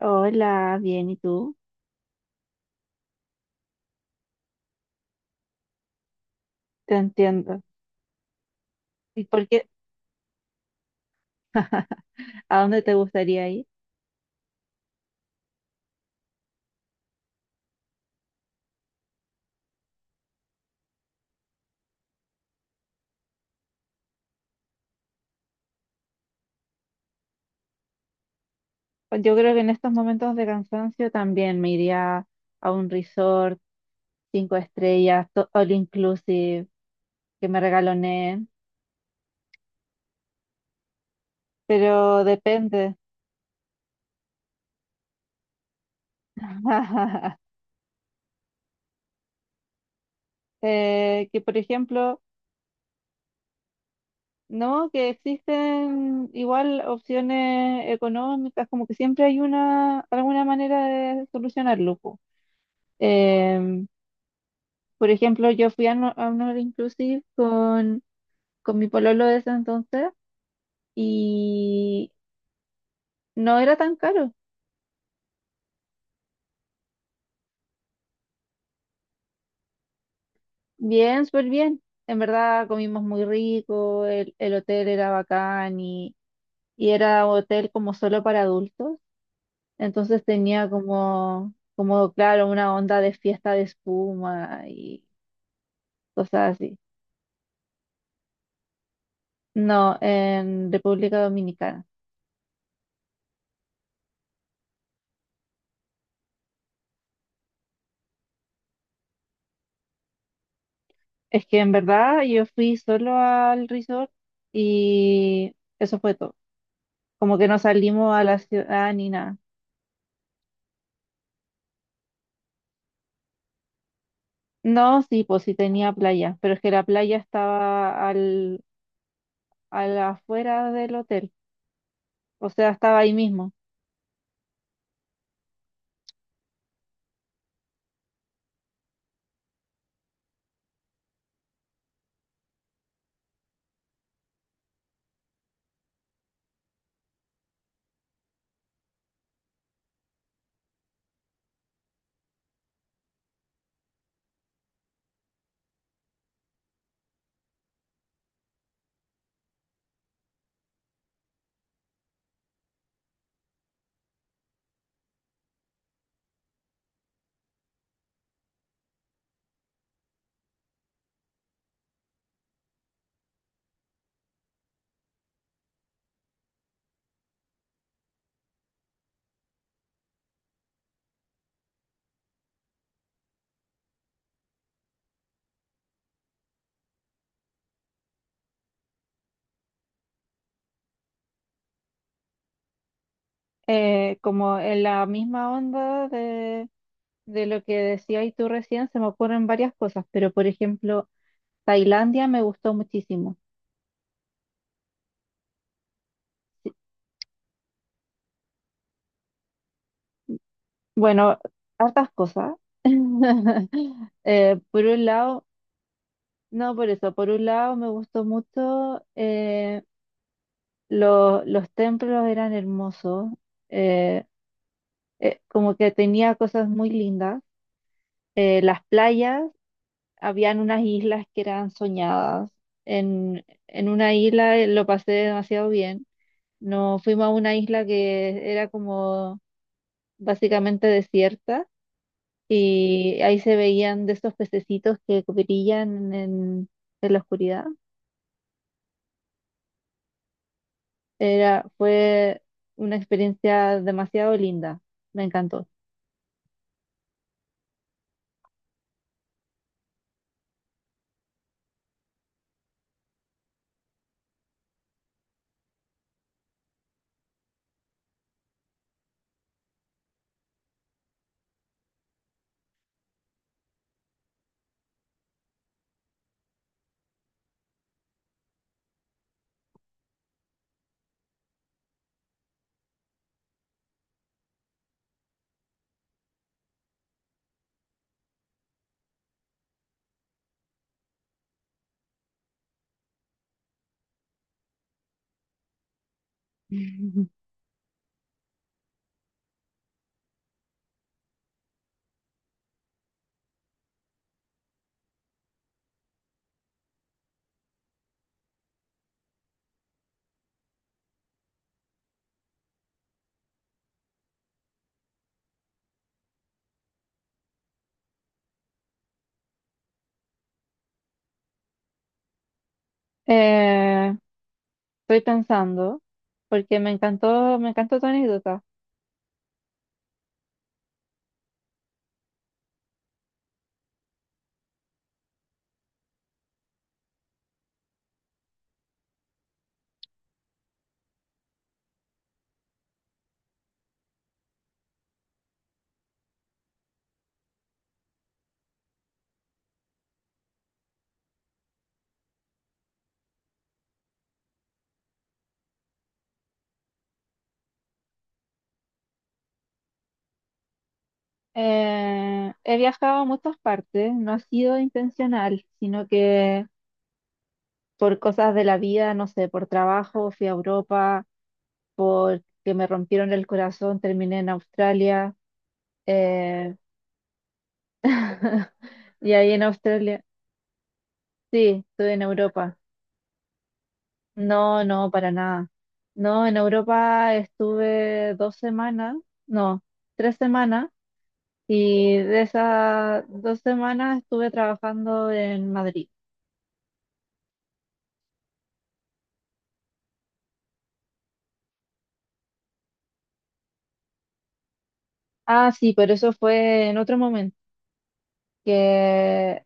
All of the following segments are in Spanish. Hola, bien, ¿y tú? Te entiendo. ¿Y por qué? ¿A dónde te gustaría ir? Pues yo creo que en estos momentos de cansancio también me iría a un resort, cinco estrellas, all inclusive, que me regaloneen, pero depende. Que por ejemplo, no, que existen igual opciones económicas, como que siempre hay alguna manera de solucionarlo, po. Em, Por ejemplo, yo fui a, no- a un All Inclusive con mi pololo de ese entonces y no era tan caro. Bien, súper bien. En verdad comimos muy rico, el hotel era bacán, y era un hotel como solo para adultos. Entonces tenía como, claro, una onda de fiesta de espuma y cosas así. No, en República Dominicana. Es que en verdad yo fui solo al resort y eso fue todo. Como que no salimos a la ciudad ni nada. No, sí, pues sí tenía playa, pero es que la playa estaba a la afuera del hotel, o sea, estaba ahí mismo. Como en la misma onda de lo que decías tú recién, se me ocurren varias cosas, pero por ejemplo, Tailandia me gustó muchísimo. Sí, bueno, hartas cosas. Por un lado. No, por eso, por un lado me gustó mucho, los templos eran hermosos, eh, como que tenía cosas muy lindas. Las playas, habían unas islas que eran soñadas. En una isla lo pasé demasiado bien. Nos fuimos a una isla que era como básicamente desierta y ahí se veían de esos pececitos que brillan en la oscuridad. Fue una experiencia demasiado linda. Me encantó. Eh, estoy pensando, porque me encantó tu anécdota. He viajado a muchas partes, no ha sido intencional, sino que por cosas de la vida, no sé, por trabajo, fui a Europa, que me rompieron el corazón, terminé en Australia. eh, y ahí en Australia, sí, estuve en Europa. No, no, para nada. No, en Europa estuve 2 semanas, no, 3 semanas, y de esas 2 semanas estuve trabajando en Madrid. Ah, sí, pero eso fue en otro momento, que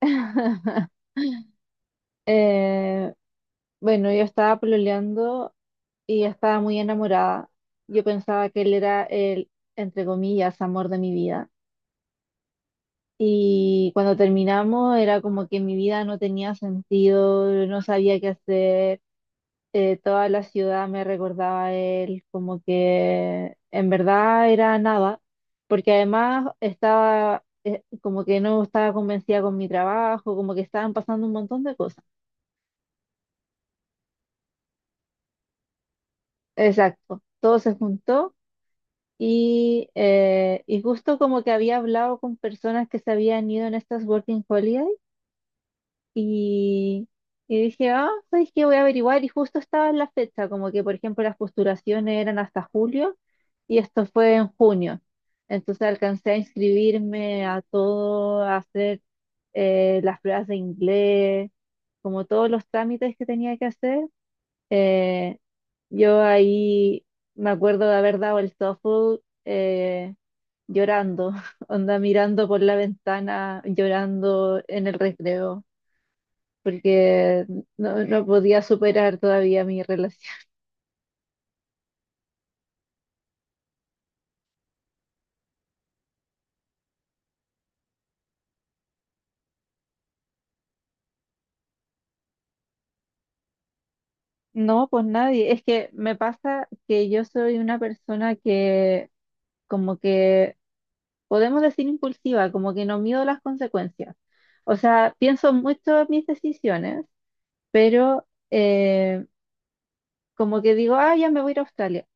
eh, bueno, yo estaba pololeando y estaba muy enamorada. Yo pensaba que él era el, entre comillas, amor de mi vida. Y cuando terminamos era como que mi vida no tenía sentido, no sabía qué hacer, toda la ciudad me recordaba a él, como que en verdad era nada, porque además estaba como que no estaba convencida con mi trabajo, como que estaban pasando un montón de cosas. Exacto, todo se juntó y justo como que había hablado con personas que se habían ido en estas Working Holidays. Y, y dije, ah, ¿sabes qué? Voy a averiguar. Y justo estaba en la fecha, como que, por ejemplo, las postulaciones eran hasta julio y esto fue en junio. Entonces alcancé a inscribirme a todo, a hacer las pruebas de inglés, como todos los trámites que tenía que hacer. Eh, yo ahí me acuerdo de haber dado el TOEFL llorando, onda mirando por la ventana, llorando en el recreo porque no podía superar todavía mi relación. No, pues nadie. Es que me pasa que yo soy una persona que como que, podemos decir impulsiva, como que no mido las consecuencias. O sea, pienso mucho en mis decisiones, pero como que digo, ah, ya me voy a ir a Australia.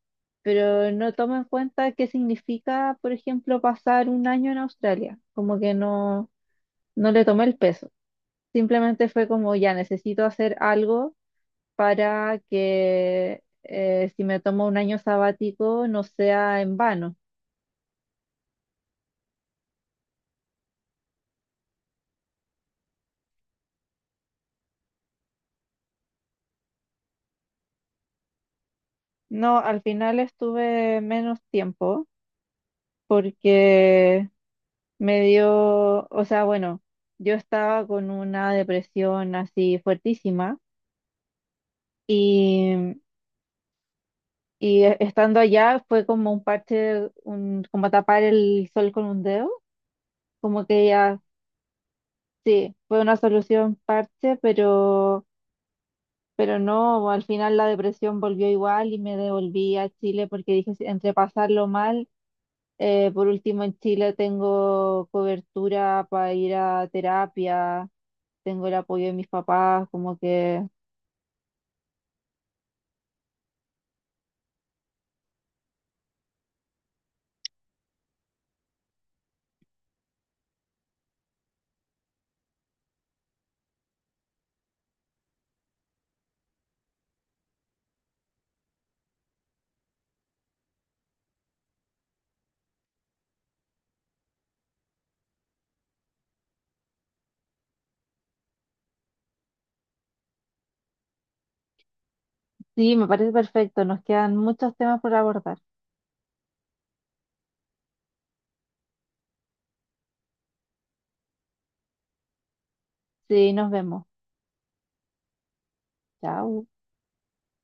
Pero no tomo en cuenta qué significa, por ejemplo, pasar un año en Australia. Como que no le tomé el peso. Simplemente fue como, ya necesito hacer algo para que si me tomo un año sabático no sea en vano. No, al final estuve menos tiempo porque me dio, o sea, bueno, yo estaba con una depresión así fuertísima y, estando allá fue como un parche, como tapar el sol con un dedo, como que ya, sí, fue una solución parche, pero. Pero no, al final la depresión volvió igual y me devolví a Chile porque dije, entre pasarlo mal, por último en Chile tengo cobertura para ir a terapia, tengo el apoyo de mis papás, como que sí, me parece perfecto. Nos quedan muchos temas por abordar. Sí, nos vemos. Chao.